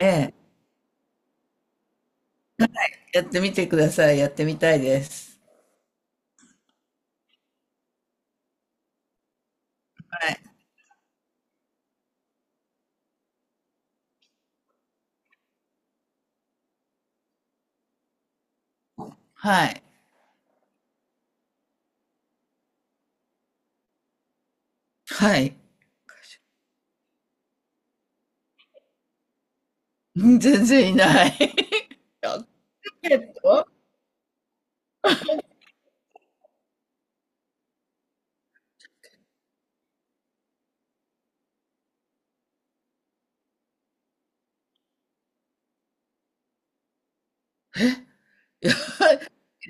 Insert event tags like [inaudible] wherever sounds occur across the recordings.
ええ、やってみてください。やってみたいです。はい。はい。はい。[laughs] うん、全然いない。[laughs] ロケット、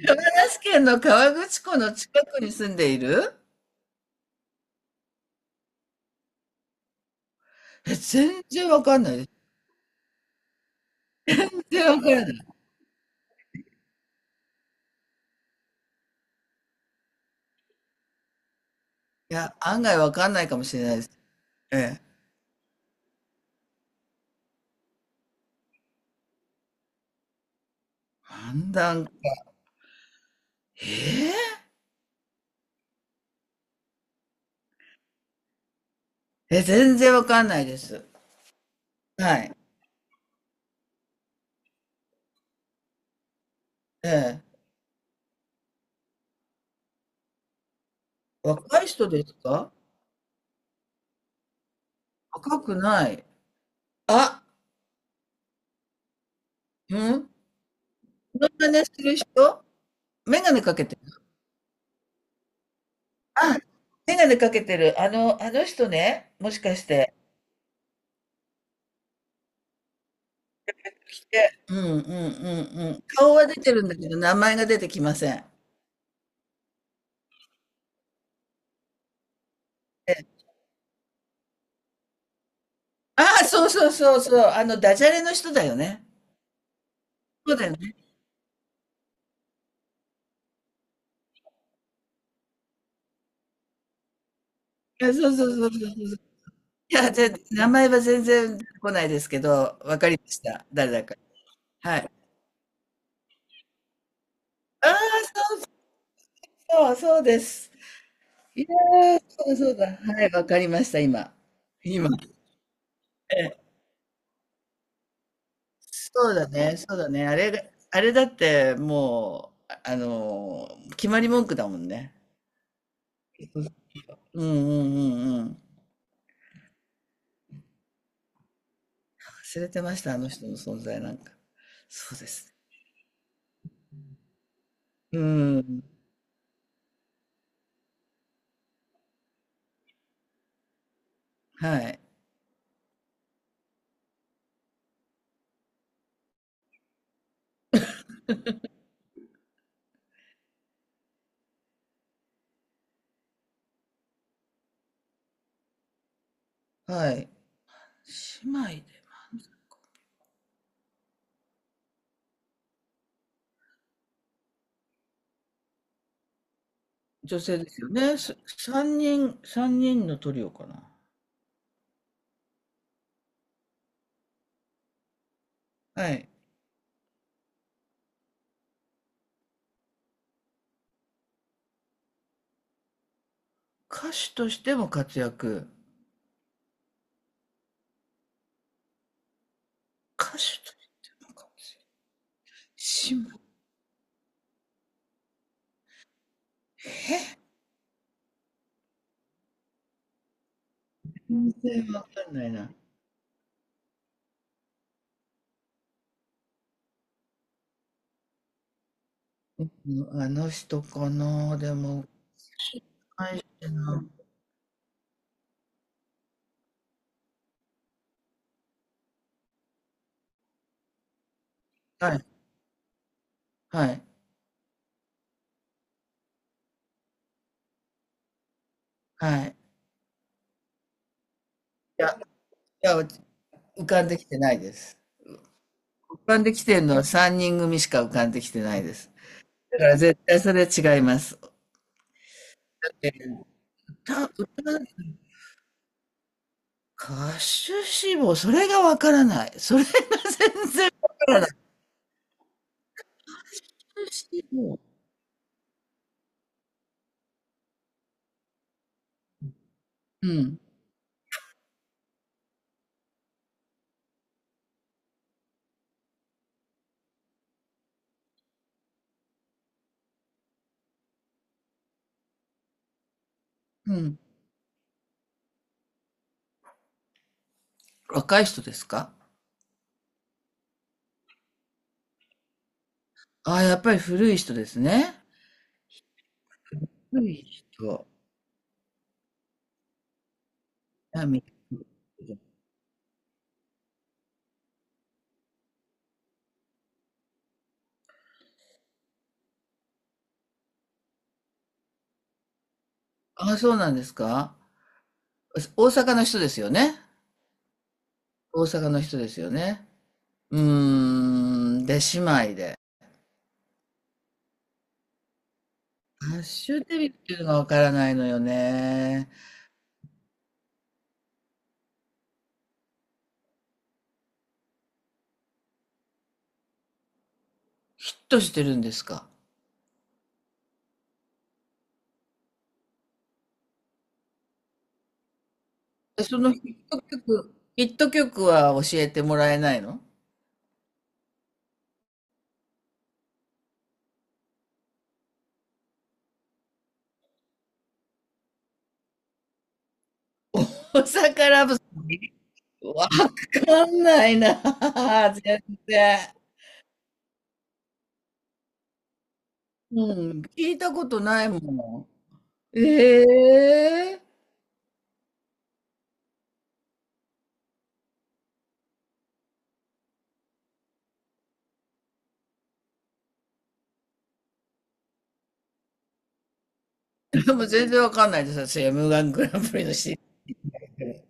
山梨県の河口湖の近くに住んでいる。全然わかんないです。全然わからない。いや、案外わかんないかもしれないです。ええ。判断、えええ、全然わかんないです。はい。ええ。若い人ですか？若くない。あ、うん。モノマネする人、眼鏡かけて。あ、眼鏡かけてる。あの、あの人ね、もしかして。で、うんうんうんうん。顔は出てるんだけど、名前が出てきません。えああ、そうそうそうそう、あの、ダジャレの人だよね。そうだよね。いや、そうそうそうそうそうそう。いや、ぜ名前は全然出てこないですけど、わかりました。誰だか。はい。ああ、そうそう、そうです。いやー、そうそうだ。はい、わかりました、今。今。えそうだね、そうだね。あれが、あれだってもう、決まり文句だもんね。うんうんうんうん。忘れてました、あの人の存在なんか。そうですね。うん。はい。はい。姉妹で、女性ですよね。す三人、三人のトリオかな。はい。歌手としても活躍。歌手としても活躍。姉妹。え全然わかんないな。うん、あの人かな、でも最初の、はい、はい、はい。いや、浮かんできてないです。浮かんできてるのは3人組しか浮かんできてないです。だから絶対それは違います。え歌、歌、歌手志望、それがわからない。それが歌手志望。うん、うん。若い人ですか？ああ、やっぱり古い人ですね。古い人。南あ、みあ、そうなんですか？大阪の人ですよね。大阪の人ですよね。うーん、出姉妹で。ハッシュデビっていうのがわからないのよね。ヒットしてるんですか？でそのヒット曲、ヒット曲は教えてもらえないの？お魚不足、わかんないな。[laughs] 全然。うん、聞いたことないもん。ええ。で [laughs] も全然わかんないです。私、m ングランプリのシ CD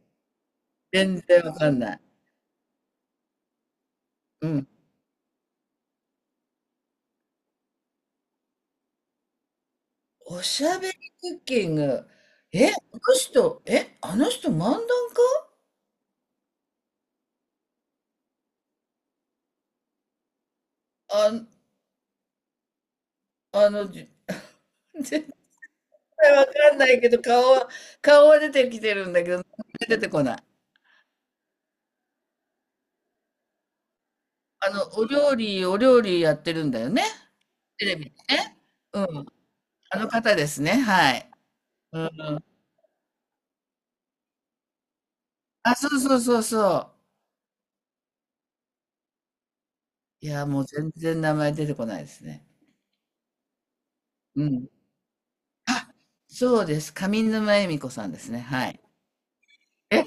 全然わかんない。うん。おしゃべりクッキング。え、あの人、え、あの人漫談家。あ、あの、じ絶対 [laughs] わかんないけど、顔は、顔は出てきてるんだけど、名前出てこない。あの、お料理、お料理やってるんだよね。テレビでね。うん。あの方ですね。はい。うん。あ、そうそうそうそう。いや、もう全然名前出てこないですね。うん。あ、そうです。上沼恵美子さんですね。はい。え、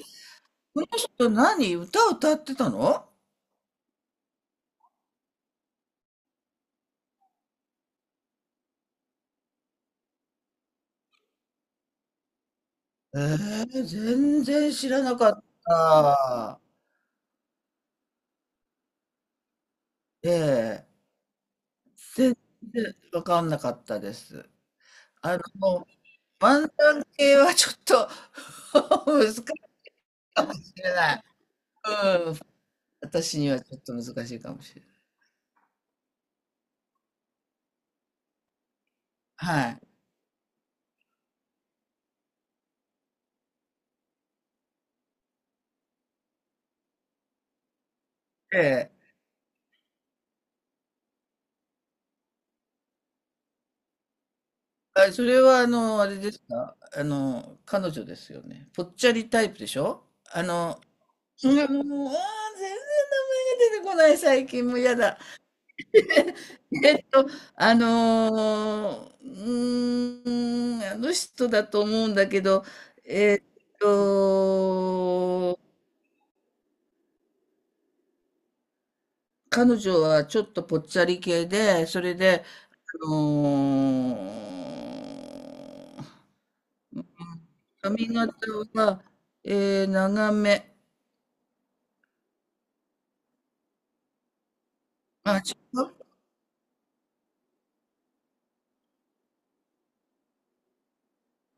この人何歌歌ってたの？ええ、全然知らなかった。ええ、全然分かんなかったです。あの、ワンタン系はちょっと [laughs] 難しいかもしれない。うん、私にはちょっと難しいかもしれない。はい。ええ。あ、それはあの、あれですか、あの、彼女ですよね。ぽっちゃりタイプでしょ？あの、うん、もう、あー全然名前が出てこない、最近もう嫌だ。[laughs] えっと、あのー、うーん、あの人だと思うんだけど、えっと、彼女はちょっとぽっちゃり系で、それで、あのー髪型は、えー長め。あ、違う。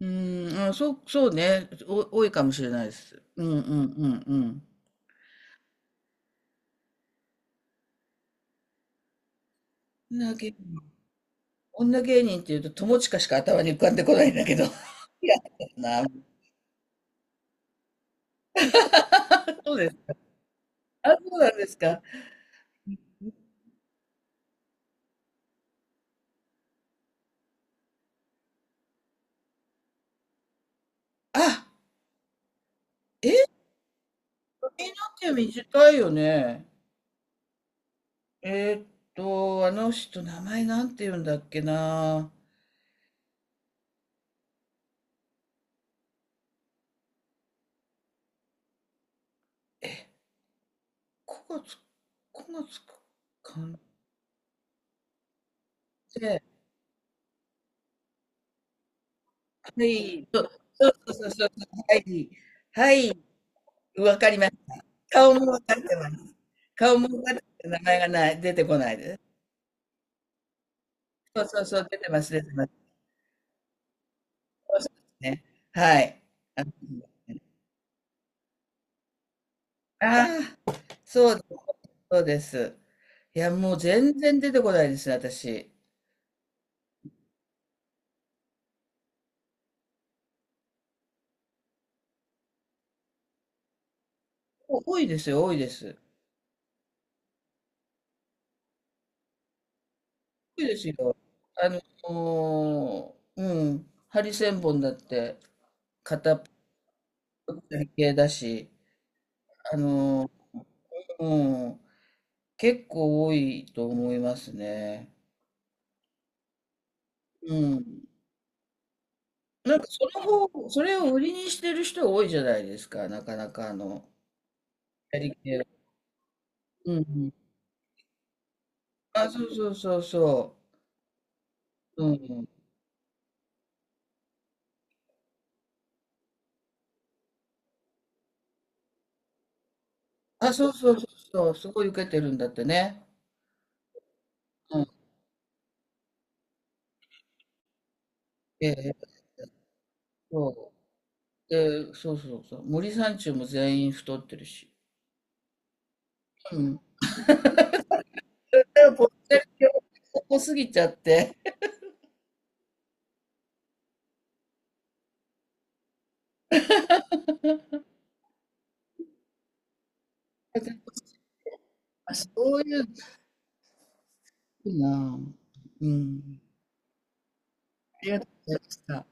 うん、あ、そう、そうね、お、多いかもしれないです。うんうんうんうん。だけど女芸人っていうと、友近しか頭に浮かんでこないんだけど。[laughs] いや、な、そうです。あ、そうなんですか。あ、え、髪の毛短いよね。えーっと、あの人、名前なんて言うんだっけな。え、こがつこがつかんて、はい、そうそうそうそうそう、はい、はい、わかります。顔もわかってます。顔もわかってます、名前がない、出てこないです。そうそうそう、出てます、出てます。そうですね。はい。ああーそうです、そうです。いや、もう全然出てこないですね、私。お多いですよ、多いです。多いですよ。あのーうん、ハリセンボンだって片っぽ系だし、あのーうん、結構多いと思いますね。うん。なんかその方、それを売りにしてる人多いじゃないですか、なかなかあの、やり系の。うん、あ、そうそうそうそう。うん。あ、そうそうそうそう。すごい受けてるんだってね。うん。ええ、そう。で、そうそうそう。森三中も全員太ってるし。うん。でも、こっこすぎちゃって。[laughs] そういうのいいな。うん。ありがとうございました。